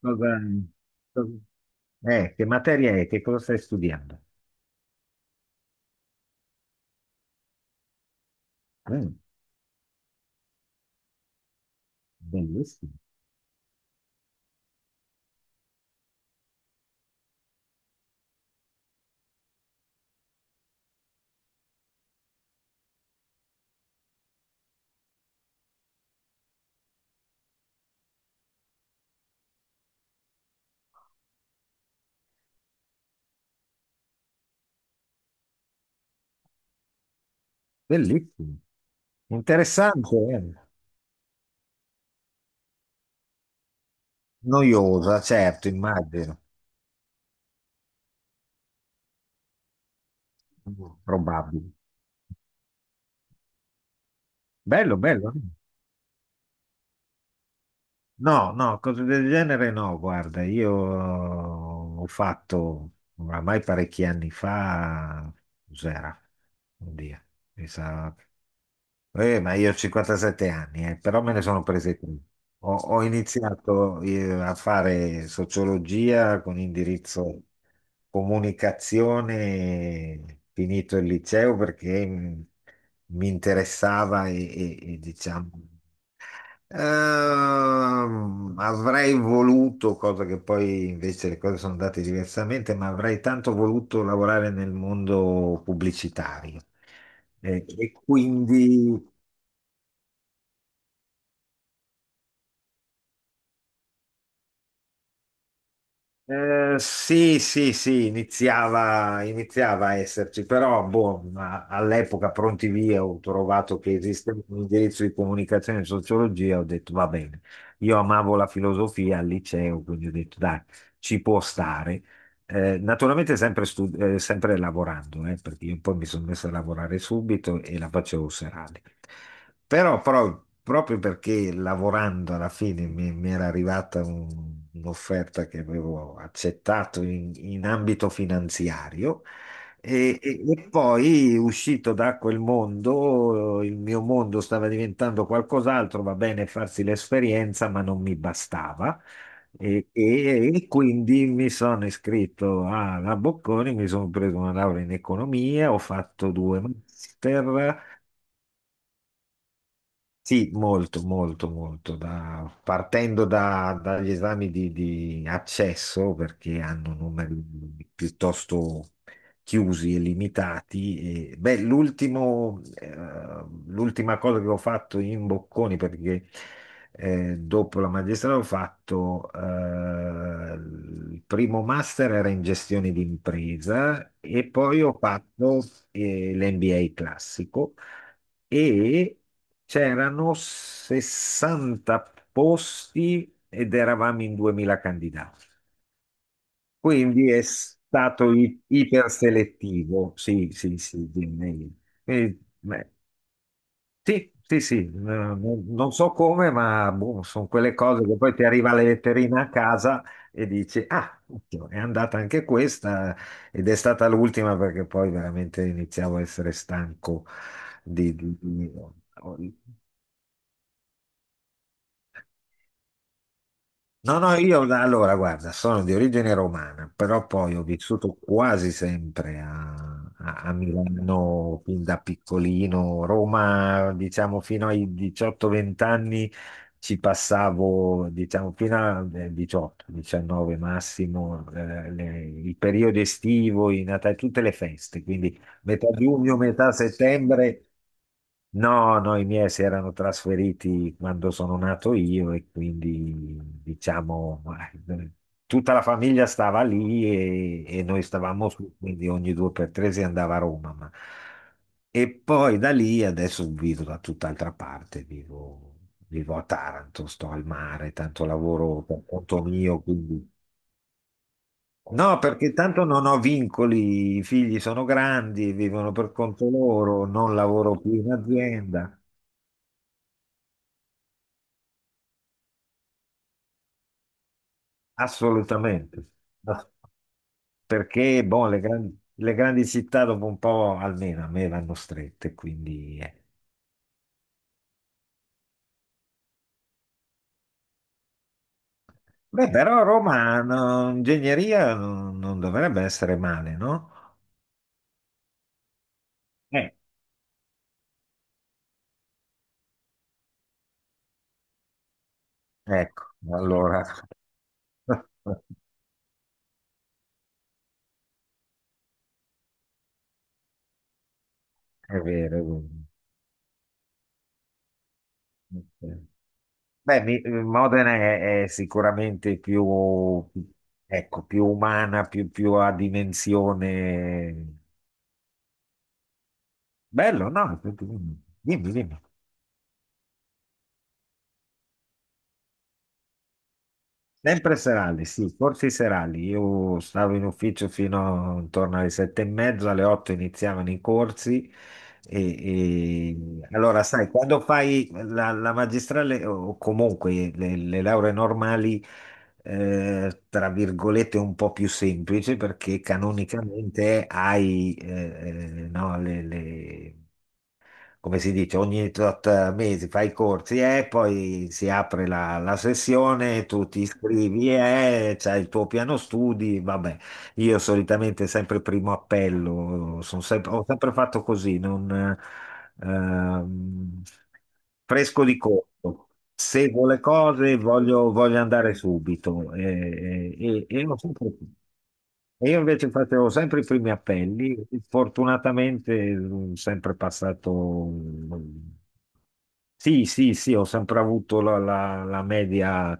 Cosa, cosa- che materia è? Che cosa stai studiando? Mm, bellissimo, bellissimo. Interessante, eh. Noiosa, certo, immagino, probabile. Bello, bello. No, no, cose del genere no, guarda, io ho fatto oramai parecchi anni fa, cos'era? Oddio, mi sa. Ma io ho 57 anni, però me ne sono prese tre. Ho iniziato a fare sociologia con indirizzo comunicazione, finito il liceo perché mi interessava e, diciamo. Avrei voluto, cosa che poi invece le cose sono andate diversamente, ma avrei tanto voluto lavorare nel mondo pubblicitario. E quindi. Sì, sì, sì, iniziava a esserci, però boh, ma all'epoca pronti via ho trovato che esisteva un indirizzo di comunicazione e sociologia, ho detto va bene. Io amavo la filosofia al liceo, quindi ho detto dai, ci può stare. Naturalmente sempre, sempre lavorando, perché io poi mi sono messo a lavorare subito e la facevo serale. Però, proprio perché lavorando alla fine mi era arrivata un'offerta che avevo accettato in ambito finanziario e poi, uscito da quel mondo, il mio mondo stava diventando qualcos'altro, va bene farsi l'esperienza, ma non mi bastava. E quindi mi sono iscritto alla Bocconi, mi sono preso una laurea in economia, ho fatto due master. Sì, molto, molto, molto. Partendo dagli esami di accesso, perché hanno numeri piuttosto chiusi e limitati. Beh, l'ultima cosa che ho fatto in Bocconi, perché dopo la magistrale ho fatto il primo master era in gestione d'impresa e poi ho fatto l'NBA classico. E c'erano 60 posti ed eravamo in 2000 candidati. Quindi è stato iperselettivo. Sì, sì, sì. Quindi, beh, sì, sì, sì. Non so come, ma boh, sono quelle cose che poi ti arriva la letterina a casa e dici, ah, occhio, è andata anche questa ed è stata l'ultima perché poi veramente iniziavo a essere stanco di. No, no, io allora guarda, sono di origine romana, però poi ho vissuto quasi sempre a, a Milano fin da piccolino. Roma, diciamo, fino ai 18-20 anni ci passavo, diciamo, fino a 18-19 massimo, il periodo estivo, i Natale, tutte le feste. Quindi metà giugno, metà settembre. No, no, i miei si erano trasferiti quando sono nato io e quindi diciamo eh, tutta la famiglia stava lì e noi stavamo su, quindi ogni due per tre si andava a Roma. E poi da lì adesso vivo da tutt'altra parte, vivo a Taranto, sto al mare, tanto lavoro per conto mio, quindi. No, perché tanto non ho vincoli, i figli sono grandi, vivono per conto loro, non lavoro più in azienda, assolutamente. Ass- Perché, boh, le grandi città dopo un po', almeno a me, vanno strette, quindi. Beh, però Roma, no, ingegneria non dovrebbe essere male, no? Eh, ecco, allora. È vero, è vero. Beh, Modena è sicuramente più, ecco, più umana, più a dimensione. Bello, no? Dimmi, dimmi. Sempre serali, sì, corsi serali. Io stavo in ufficio fino intorno alle 7:30, alle 8 iniziavano i corsi. E, e-, allora, sai, quando fai la magistrale o comunque le lauree normali, tra virgolette, un po' più semplice perché canonicamente hai no, come si dice, ogni tot mesi fai i corsi e poi si apre la sessione, tu ti iscrivi e c'hai il tuo piano studi, vabbè. Io solitamente sempre primo appello, ho sempre fatto così, non, ehm, fresco di corpo. Seguo le cose, voglio andare subito. E- e io sempre- e io invece facevo sempre i primi appelli. Fortunatamente sono sempre passato. Sì, sì, sì, ho sempre avuto la, la media,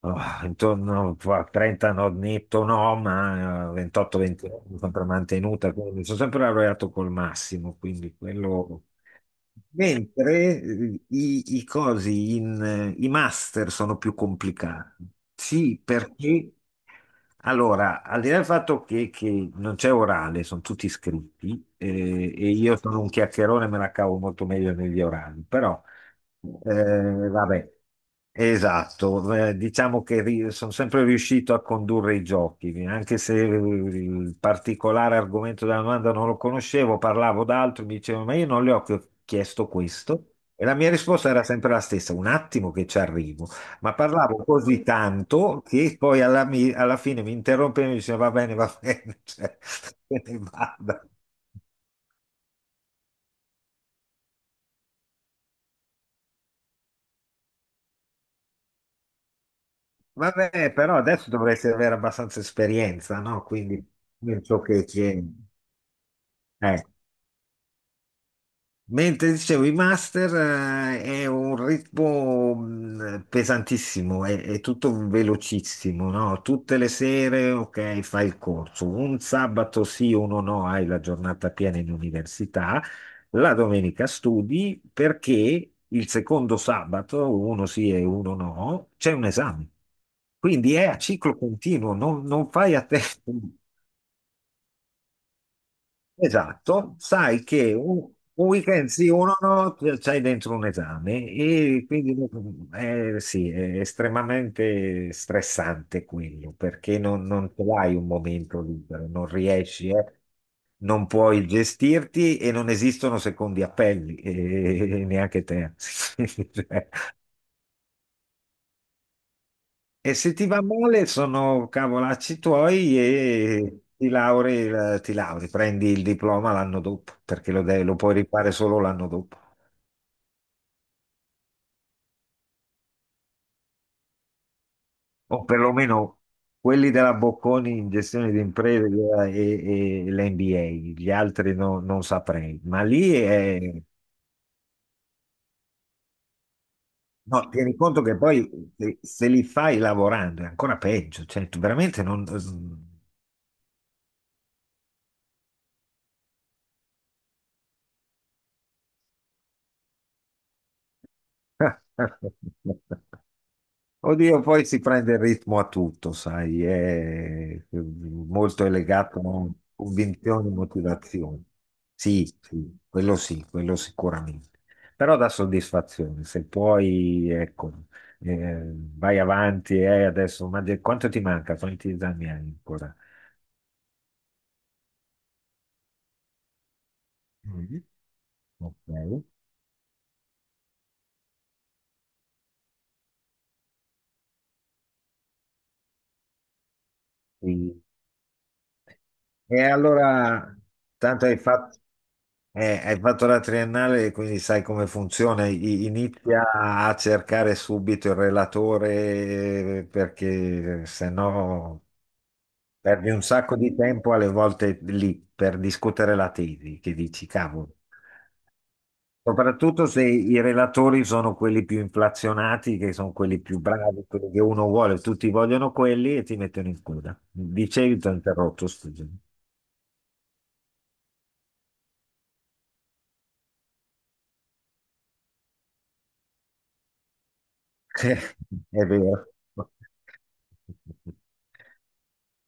oh, intorno a 30, no, netto no, ma 28-20 l'ho sempre mantenuta, quindi sono sempre laureato col massimo, quindi quello. Mentre i cosi, i master sono più complicati. Sì, perché allora, al di là del fatto che non c'è orale, sono tutti scritti, e io sono un chiacchierone, me la cavo molto meglio negli orali, però eh, vabbè, esatto. Diciamo che sono sempre riuscito a condurre i giochi, anche se il particolare argomento della domanda non lo conoscevo, parlavo d'altro, mi dicevano, ma io non le ho chiesto questo. E la mia risposta era sempre la stessa, un attimo che ci arrivo, ma parlavo così tanto che poi alla fine mi interrompeva e mi diceva va bene, cioè, se ne vada. Vabbè, però adesso dovresti avere abbastanza esperienza, no? Quindi nel ciò che c'è. Eh. Mentre dicevo, i master è un ritmo pesantissimo, è tutto velocissimo, no? Tutte le sere, ok, fai il corso, un sabato sì, uno no, hai la giornata piena in università, la domenica studi perché il secondo sabato, uno sì e uno no, c'è un esame. Quindi è a ciclo continuo, non fai a tempo. Esatto, sai che un weekend sì, uno no, c'hai dentro un esame e quindi sì, è estremamente stressante quello perché non ce l'hai un momento libero, non riesci, non puoi gestirti e non esistono secondi appelli, e neanche te. E se ti va male sono cavolacci tuoi e ti lauri, prendi il diploma l'anno dopo, perché lo puoi rifare solo l'anno dopo. O perlomeno quelli della Bocconi in gestione di imprese e l'MBA, gli altri non saprei. Ma lì è. No, tieni conto che poi se li fai lavorando è ancora peggio, cioè tu veramente non. Oddio, poi si prende il ritmo a tutto, sai, è molto è legato a convinzioni e motivazioni. Sì, sì, quello sicuramente. Però dà soddisfazione, se puoi, ecco, vai avanti e adesso, ma quanto ti manca? Quanti esami hai ancora? Mm. Ok. Sì. E allora, tanto hai fatto. Hai fatto la triennale, quindi sai come funziona. Inizia a cercare subito il relatore, perché se no perdi un sacco di tempo alle volte lì per discutere la tesi, che dici, cavolo. Soprattutto se i relatori sono quelli più inflazionati, che sono quelli più bravi, quelli che uno vuole, tutti vogliono quelli e ti mettono in coda. Dicevi, ti ho interrotto, scusa. È vero.